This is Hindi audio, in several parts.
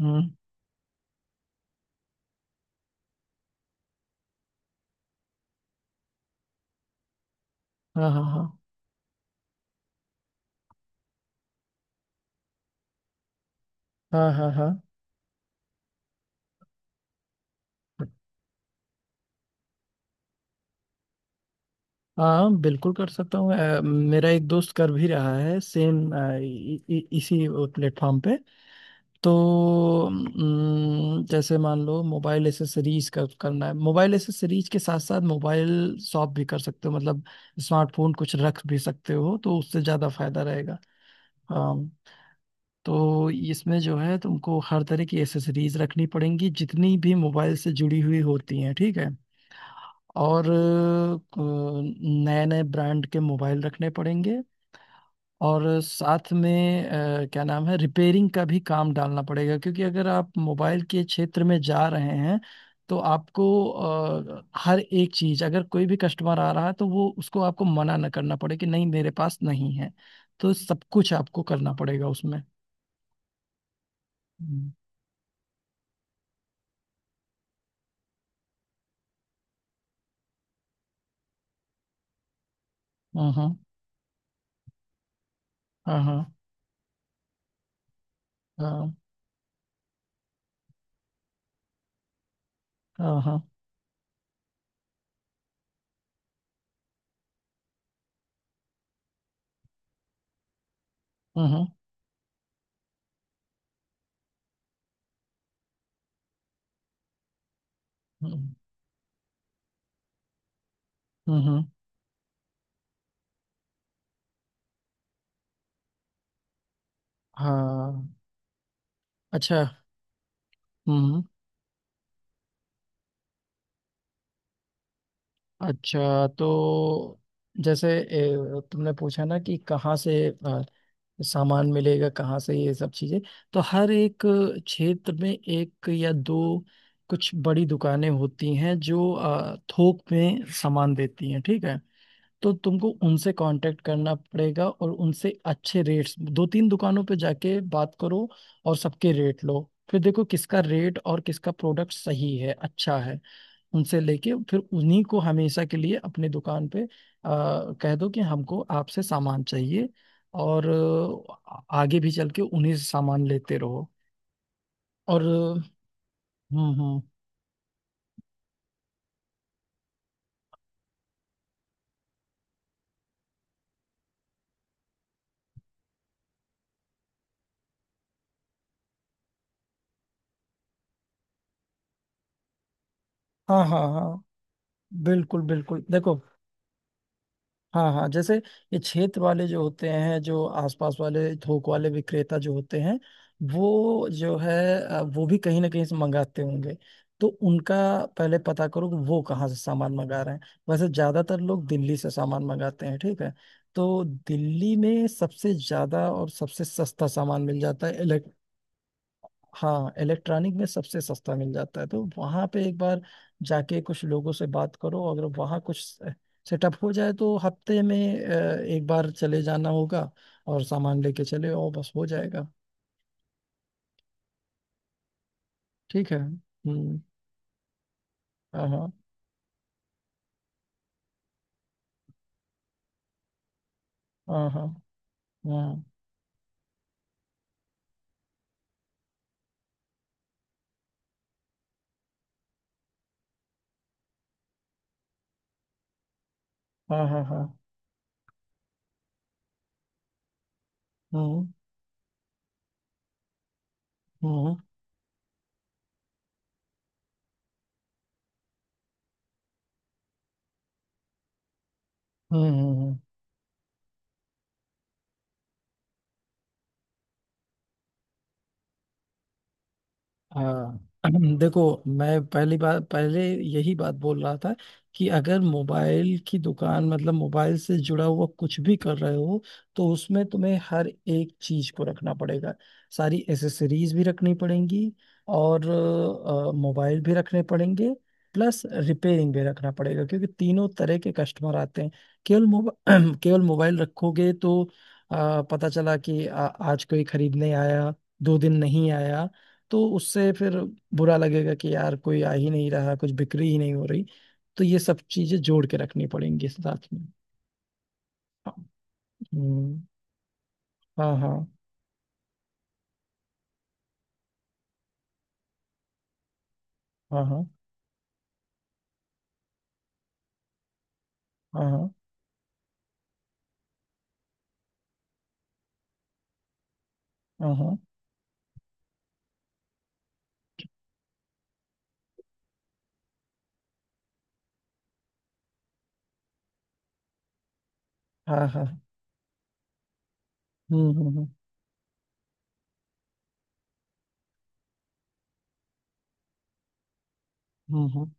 हम्म। हाँ हाँ हाँ हाँ हाँ हाँ। हाँ बिल्कुल कर सकता हूँ। मेरा एक दोस्त कर भी रहा है सेम इसी प्लेटफॉर्म पे। तो जैसे मान लो मोबाइल एसेसरीज का करना है, मोबाइल एसेसरीज के साथ साथ मोबाइल शॉप भी कर सकते हो, मतलब स्मार्टफोन कुछ रख भी सकते हो तो उससे ज़्यादा फायदा रहेगा। हाँ, तो इसमें जो है तुमको हर तरह की एसेसरीज रखनी पड़ेंगी, जितनी भी मोबाइल से जुड़ी हुई होती हैं, ठीक है। और नए नए ब्रांड के मोबाइल रखने पड़ेंगे, और साथ में क्या नाम है, रिपेयरिंग का भी काम डालना पड़ेगा क्योंकि अगर आप मोबाइल के क्षेत्र में जा रहे हैं तो आपको हर एक चीज, अगर कोई भी कस्टमर आ रहा है तो वो उसको आपको मना न करना पड़े कि नहीं मेरे पास नहीं है। तो सब कुछ आपको करना पड़ेगा उसमें। हम्म, हम्म, हाँ हाँ हाँ हाँ हाँ। हम्म, हम्म, हम्म, हाँ हाँ, अच्छा। हम्म। अच्छा, तो जैसे तुमने पूछा ना कि कहाँ से सामान मिलेगा, कहाँ से ये सब चीजें। तो हर एक क्षेत्र में एक या दो कुछ बड़ी दुकानें होती हैं जो थोक में सामान देती हैं, ठीक है। तो तुमको उनसे कांटेक्ट करना पड़ेगा और उनसे अच्छे रेट्स, दो तीन दुकानों पे जाके बात करो और सबके रेट लो, फिर देखो किसका रेट और किसका प्रोडक्ट सही है, अच्छा है। उनसे लेके फिर उन्हीं को हमेशा के लिए अपनी दुकान पे कह दो कि हमको आपसे सामान चाहिए। और आगे भी चल के उन्हीं से सामान लेते रहो। और हम्म। हाँ हाँ हाँ, बिल्कुल बिल्कुल, देखो। हाँ हाँ, जैसे ये क्षेत्र वाले जो होते हैं, जो आसपास वाले थोक वाले विक्रेता जो होते हैं, वो जो है वो भी कहीं ना कहीं से मंगाते होंगे, तो उनका पहले पता करो कि वो कहाँ से सामान मंगा रहे हैं। वैसे ज्यादातर लोग दिल्ली से सामान मंगाते हैं, ठीक है। तो दिल्ली में सबसे ज्यादा और सबसे सस्ता सामान मिल जाता है। हाँ इलेक्ट्रॉनिक में सबसे सस्ता मिल जाता है, तो वहां पे एक बार जाके कुछ लोगों से बात करो। अगर वहां कुछ सेटअप हो जाए तो हफ्ते में एक बार चले जाना होगा, और सामान लेके चले, और बस हो जाएगा। ठीक है, हम्म। हाँ हाँ हाँ हाँ हाँ हाँ हाँ हाँ, हम्म हम्म हम्म हम्म, हाँ। देखो मैं पहली बार पहले यही बात बोल रहा था कि अगर मोबाइल की दुकान, मतलब मोबाइल से जुड़ा हुआ कुछ भी कर रहे हो तो उसमें तुम्हें हर एक चीज को रखना पड़ेगा। सारी एसेसरीज भी रखनी पड़ेंगी, और मोबाइल भी रखने पड़ेंगे, प्लस रिपेयरिंग भी रखना पड़ेगा क्योंकि तीनों तरह के कस्टमर आते हैं। केवल मोबाइल केवल मोबाइल रखोगे तो पता चला कि आज कोई खरीदने आया, दो दिन नहीं आया, तो उससे फिर बुरा लगेगा कि यार कोई आ ही नहीं रहा, कुछ बिक्री ही नहीं हो रही। तो ये सब चीजें जोड़ के रखनी पड़ेंगी साथ में। हाँ, हम्म, हाँ हाँ हाँ हाँ हाँ हाँ हाँ हाँ हाँ हाँ, हम्म हम्म हम्म हम्म,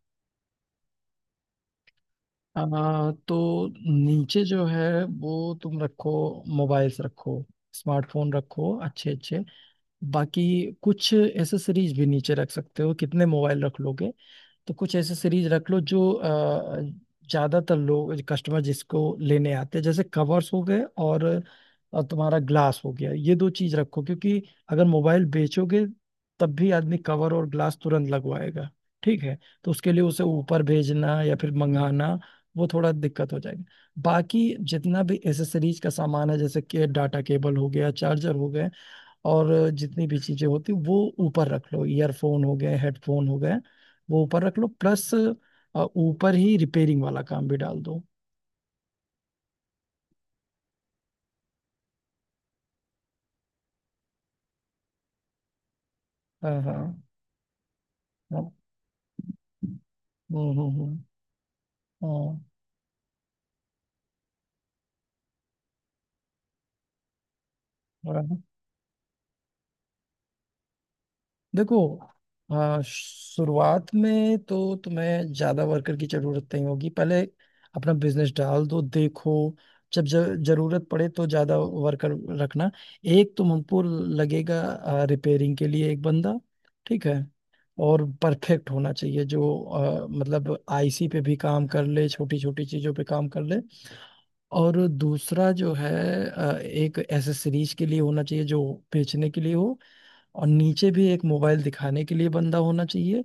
तो नीचे जो है वो तुम रखो, मोबाइल्स रखो, स्मार्टफोन रखो अच्छे अच्छे। बाकी कुछ एसेसरीज भी नीचे रख सकते हो, कितने मोबाइल रख लोगे। तो कुछ ऐसे सीरीज रख लो जो ज्यादातर लोग कस्टमर जिसको लेने आते हैं, जैसे कवर्स हो गए, और तुम्हारा ग्लास हो गया, ये दो चीज रखो क्योंकि अगर मोबाइल बेचोगे तब भी आदमी कवर और ग्लास तुरंत लगवाएगा, ठीक है। तो उसके लिए उसे ऊपर भेजना या फिर मंगाना, वो थोड़ा दिक्कत हो जाएगी। बाकी जितना भी एसेसरीज का सामान है, जैसे कि डाटा केबल हो गया, चार्जर हो गए, और जितनी भी चीजें होती वो ऊपर रख लो, ईयरफोन हो गए, हेडफोन हो गए, वो ऊपर रख लो। प्लस ऊपर ही रिपेयरिंग वाला काम भी डाल दो। हाँ हाँ हाँ। हम्म। हाँ, बराबर। देखो शुरुआत में तो तुम्हें ज्यादा वर्कर की जरूरत नहीं होगी, पहले अपना बिजनेस डाल दो, देखो। जब जरूरत पड़े तो ज्यादा वर्कर रखना। एक तो हमको लगेगा रिपेयरिंग के लिए एक बंदा, ठीक है। और परफेक्ट होना चाहिए जो मतलब आईसी पे भी काम कर ले, छोटी छोटी चीजों पे काम कर ले। और दूसरा जो है एक एसेसरीज के लिए होना चाहिए जो बेचने के लिए हो। और नीचे भी एक मोबाइल दिखाने के लिए बंदा होना चाहिए,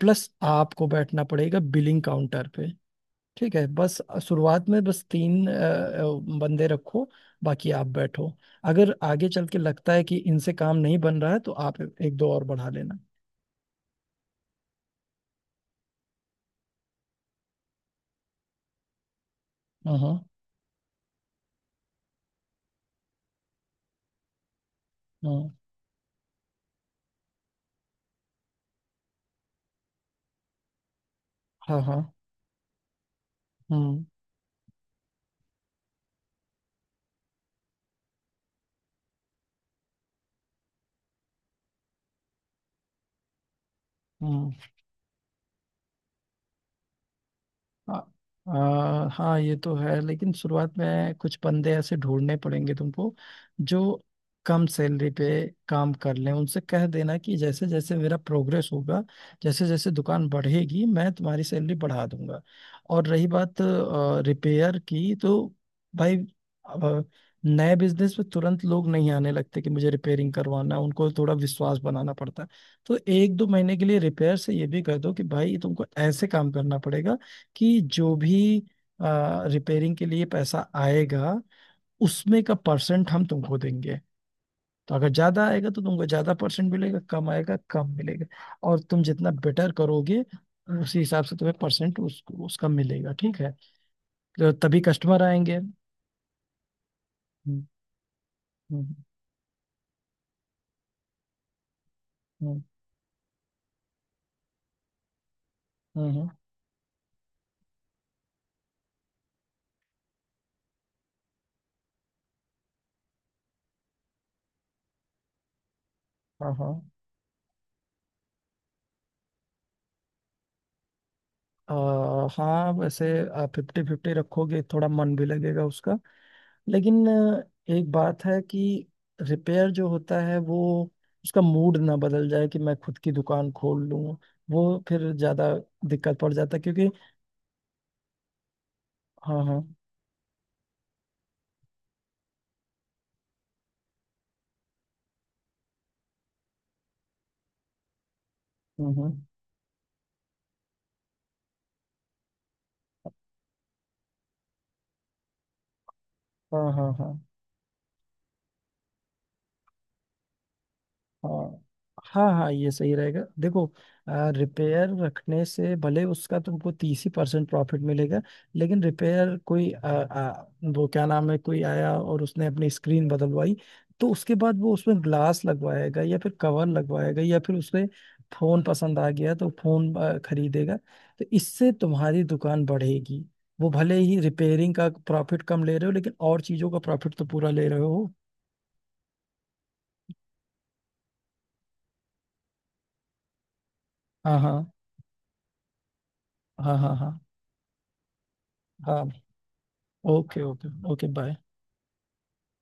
प्लस आपको बैठना पड़ेगा बिलिंग काउंटर पे, ठीक है बस। शुरुआत में बस तीन बंदे रखो, बाकी आप बैठो। अगर आगे चल के लगता है कि इनसे काम नहीं बन रहा है तो आप एक दो और बढ़ा लेना। हम्म हम्म हाँ हाँ हाँ हम्म हम्म। आ, आ, हाँ ये तो है, लेकिन शुरुआत में कुछ बंदे ऐसे ढूंढने पड़ेंगे तुमको जो कम सैलरी पे काम कर लें। उनसे कह देना कि जैसे जैसे मेरा प्रोग्रेस होगा, जैसे जैसे दुकान बढ़ेगी, मैं तुम्हारी सैलरी बढ़ा दूंगा। और रही बात रिपेयर की, तो भाई आ, नए बिजनेस में तुरंत लोग नहीं आने लगते कि मुझे रिपेयरिंग करवाना है, उनको थोड़ा विश्वास बनाना पड़ता है। तो एक दो महीने के लिए रिपेयर से ये भी कह दो कि भाई तुमको ऐसे काम करना पड़ेगा कि जो भी रिपेयरिंग के लिए पैसा आएगा उसमें का परसेंट हम तुमको देंगे। तो अगर ज्यादा आएगा तो तुमको ज्यादा परसेंट मिलेगा, कम आएगा कम मिलेगा। और तुम जितना बेटर करोगे उसी हिसाब से तुम्हें परसेंट उसका मिलेगा, ठीक है। तो तभी कस्टमर आएंगे। हम्म, हम्म, हम्म, हम्म, हम्म, हाँ हाँ। हाँ वैसे आप 50-50 रखोगे थोड़ा मन भी लगेगा उसका, लेकिन एक बात है कि रिपेयर जो होता है वो, उसका मूड ना बदल जाए कि मैं खुद की दुकान खोल लूं, वो फिर ज्यादा दिक्कत पड़ जाता है क्योंकि हाँ हाँ। हम्म हम्म, हाँ हाँ हाँ। हाँ हाँ हाँ, ये सही रहेगा देखो। रिपेयर रखने से भले उसका तुमको 30 ही परसेंट प्रॉफिट मिलेगा, लेकिन रिपेयर कोई आ, आ, वो क्या नाम है, कोई आया और उसने अपनी स्क्रीन बदलवाई, तो उसके बाद वो उसमें ग्लास लगवाएगा, या फिर कवर लगवाएगा, या फिर उसमें फोन पसंद आ गया तो फोन खरीदेगा। तो इससे तुम्हारी दुकान बढ़ेगी। वो भले ही रिपेयरिंग का प्रॉफिट कम ले रहे हो, लेकिन और चीजों का प्रॉफिट तो पूरा ले रहे हो। हाँ हाँ हाँ हाँ हाँ हाँ। Okay okay okay, bye.